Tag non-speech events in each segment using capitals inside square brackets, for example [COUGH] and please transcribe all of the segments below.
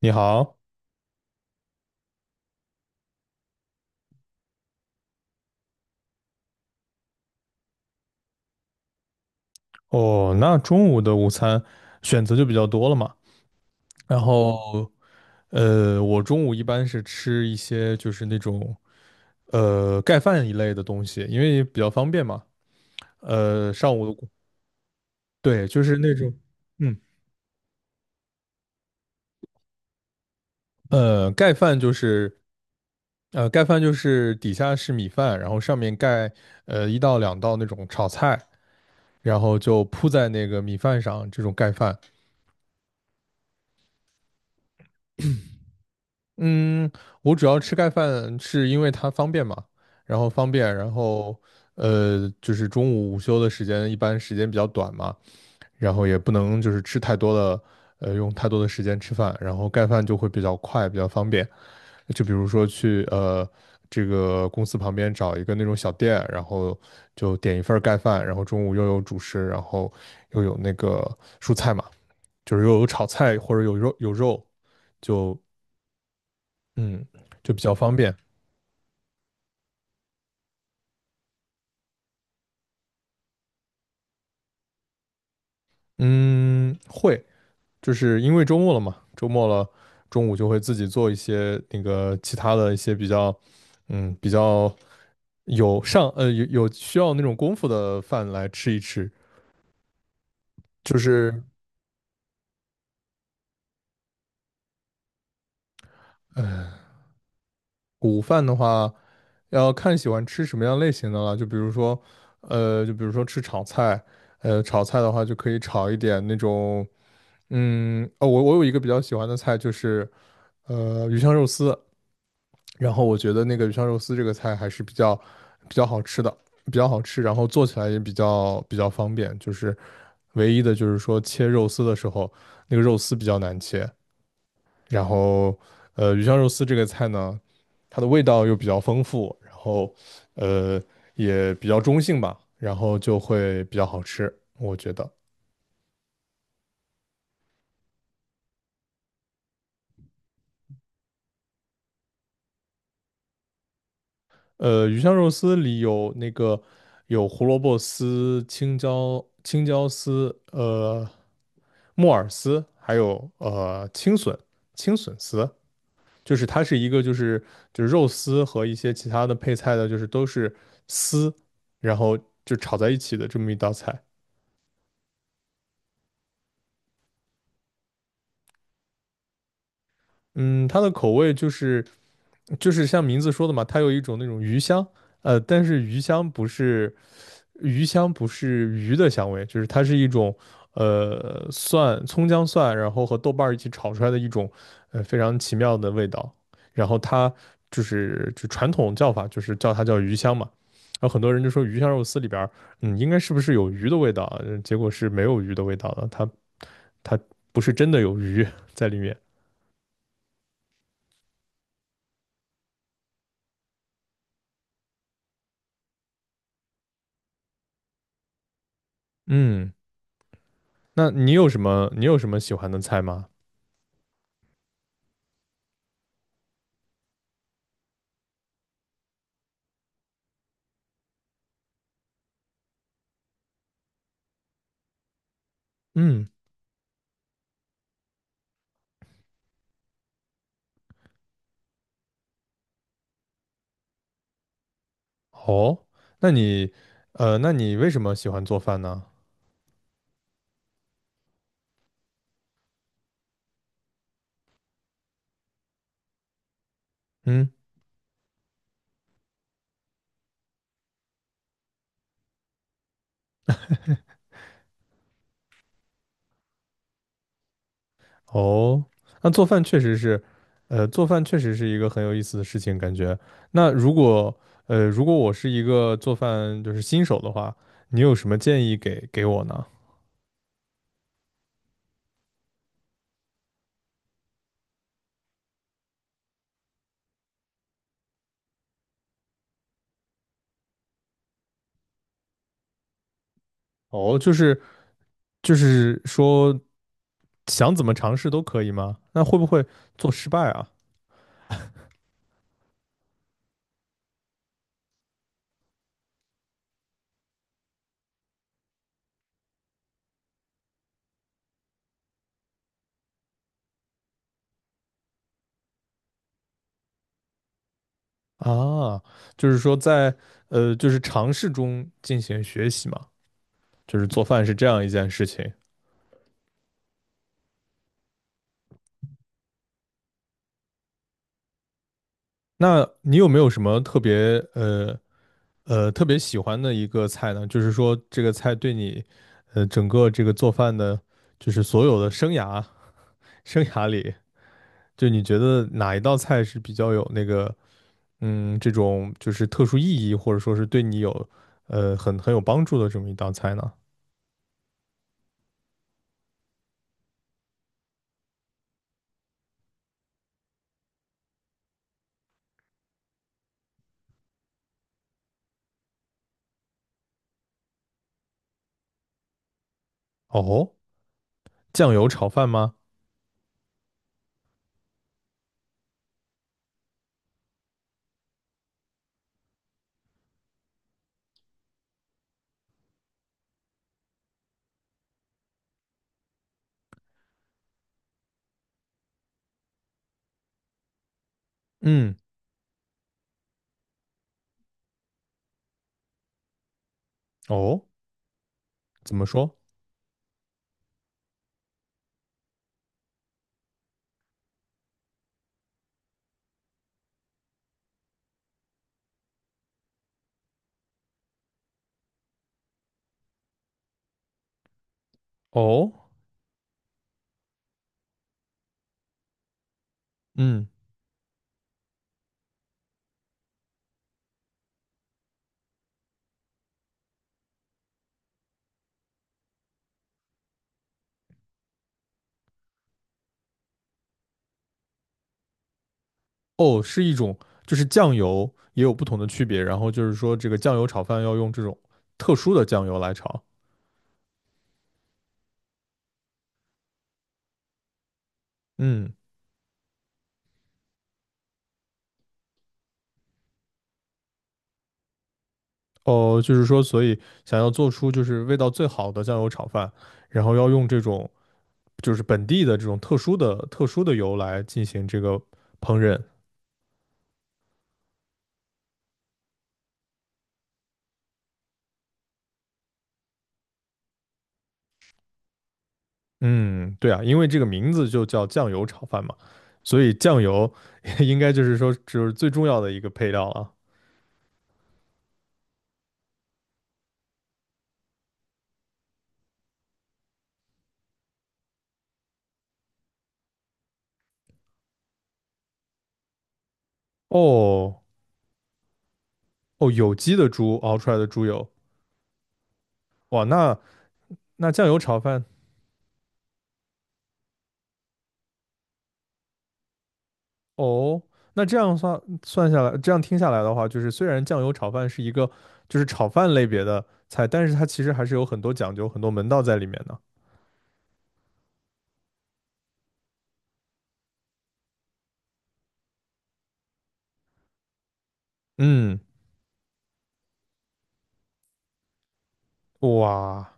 你好。哦，那中午的午餐选择就比较多了嘛。然后，我中午一般是吃一些就是那种盖饭一类的东西，因为比较方便嘛。呃，上午的工对，就是那种，嗯，盖饭就是盖饭就是底下是米饭，然后上面盖一到两道那种炒菜，然后就铺在那个米饭上，这种盖饭。嗯，我主要吃盖饭是因为它方便嘛，然后方便，然后就是中午午休的时间一般时间比较短嘛，然后也不能就是吃太多的，用太多的时间吃饭，然后盖饭就会比较快，比较方便。就比如说去这个公司旁边找一个那种小店，然后就点一份儿盖饭，然后中午又有主食，然后又有那个蔬菜嘛，就是又有炒菜或者有肉，就嗯就比较方便。嗯，会，就是因为周末了嘛，周末了，中午就会自己做一些那个其他的一些比较，嗯，比较有上有需要那种功夫的饭来吃一吃。就是午饭的话，要看喜欢吃什么样类型的了，就比如说，就比如说吃炒菜，炒菜的话就可以炒一点那种，嗯，哦，我有一个比较喜欢的菜就是鱼香肉丝。然后我觉得那个鱼香肉丝这个菜还是比较好吃的，比较好吃，然后做起来也比较方便。就是唯一的就是说切肉丝的时候，那个肉丝比较难切。然后鱼香肉丝这个菜呢，它的味道又比较丰富，然后呃也比较中性吧，然后就会比较好吃，我觉得。鱼香肉丝里有那个有胡萝卜丝、青椒丝，木耳丝，还有青笋、青笋丝，就是它是一个就是肉丝和一些其他的配菜的，就是都是丝，然后就炒在一起的这么一道菜。嗯，它的口味就是就是像名字说的嘛，它有一种那种鱼香，呃，但是鱼香不是鱼的香味，就是它是一种蒜、葱姜蒜，然后和豆瓣儿一起炒出来的一种非常奇妙的味道。然后它就是就传统叫法就是叫它叫鱼香嘛。然后很多人就说鱼香肉丝里边儿嗯，应该是不是有鱼的味道啊？结果是没有鱼的味道的，它不是真的有鱼在里面。嗯，那你有什么喜欢的菜吗？嗯，哦，那你那你为什么喜欢做饭呢？嗯，哦，那做饭确实是，做饭确实是一个很有意思的事情，感觉。那如果，如果我是一个做饭就是新手的话，你有什么建议给我呢？哦，就是说想怎么尝试都可以吗？那会不会做失败啊？啊，就是说在就是尝试中进行学习嘛，就是做饭是这样一件事情。那你有没有什么特别特别喜欢的一个菜呢？就是说这个菜对你整个这个做饭的，就是所有的生涯里，就你觉得哪一道菜是比较有那个嗯这种就是特殊意义，或者说是对你有很有帮助的这么一道菜呢？哦，酱油炒饭吗？嗯，哦，怎么说？哦，嗯，哦，是一种，就是酱油也有不同的区别，然后就是说这个酱油炒饭要用这种特殊的酱油来炒。嗯，哦，就是说，所以想要做出就是味道最好的酱油炒饭，然后要用这种就是本地的这种特殊的油来进行这个烹饪。嗯，对啊，因为这个名字就叫酱油炒饭嘛，所以酱油 [LAUGHS] 应该就是说就是最重要的一个配料了。哦，哦，有机的猪熬出来的猪油，哇，那那酱油炒饭。哦，那这样算下来，这样听下来的话，就是虽然酱油炒饭是一个就是炒饭类别的菜，但是它其实还是有很多讲究、很多门道在里面的。嗯，哇，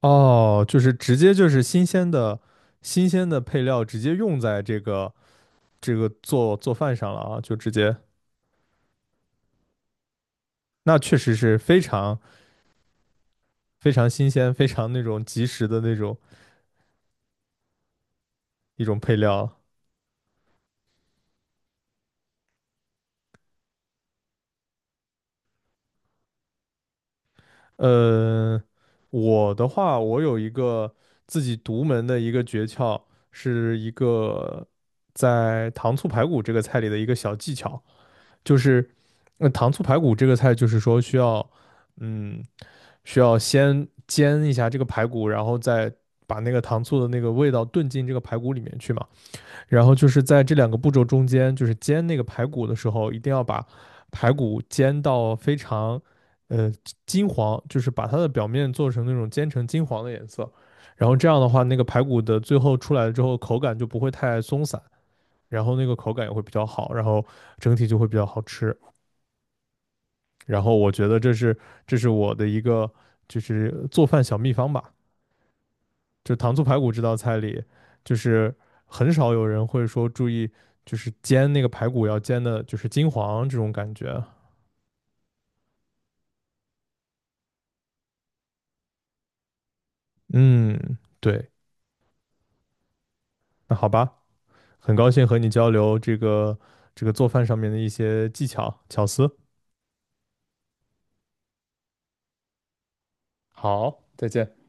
哦，就是直接就是新鲜的配料直接用在这个做饭上了啊，就直接，那确实是非常非常新鲜、非常那种及时的那种一种配料。呃，我的话，我有一个自己独门的一个诀窍，是一个在糖醋排骨这个菜里的一个小技巧，就是，那糖醋排骨这个菜就是说需要，嗯，需要先煎一下这个排骨，然后再把那个糖醋的那个味道炖进这个排骨里面去嘛。然后就是在这两个步骤中间，就是煎那个排骨的时候，一定要把排骨煎到非常呃金黄，就是把它的表面做成那种煎成金黄的颜色。然后这样的话，那个排骨的最后出来之后，口感就不会太松散，然后那个口感也会比较好，然后整体就会比较好吃。然后我觉得这是我的一个就是做饭小秘方吧。就糖醋排骨这道菜里，就是很少有人会说注意，就是煎那个排骨要煎的，就是金黄这种感觉。嗯，对，那好吧，很高兴和你交流这个做饭上面的一些技巧巧思。好，再见。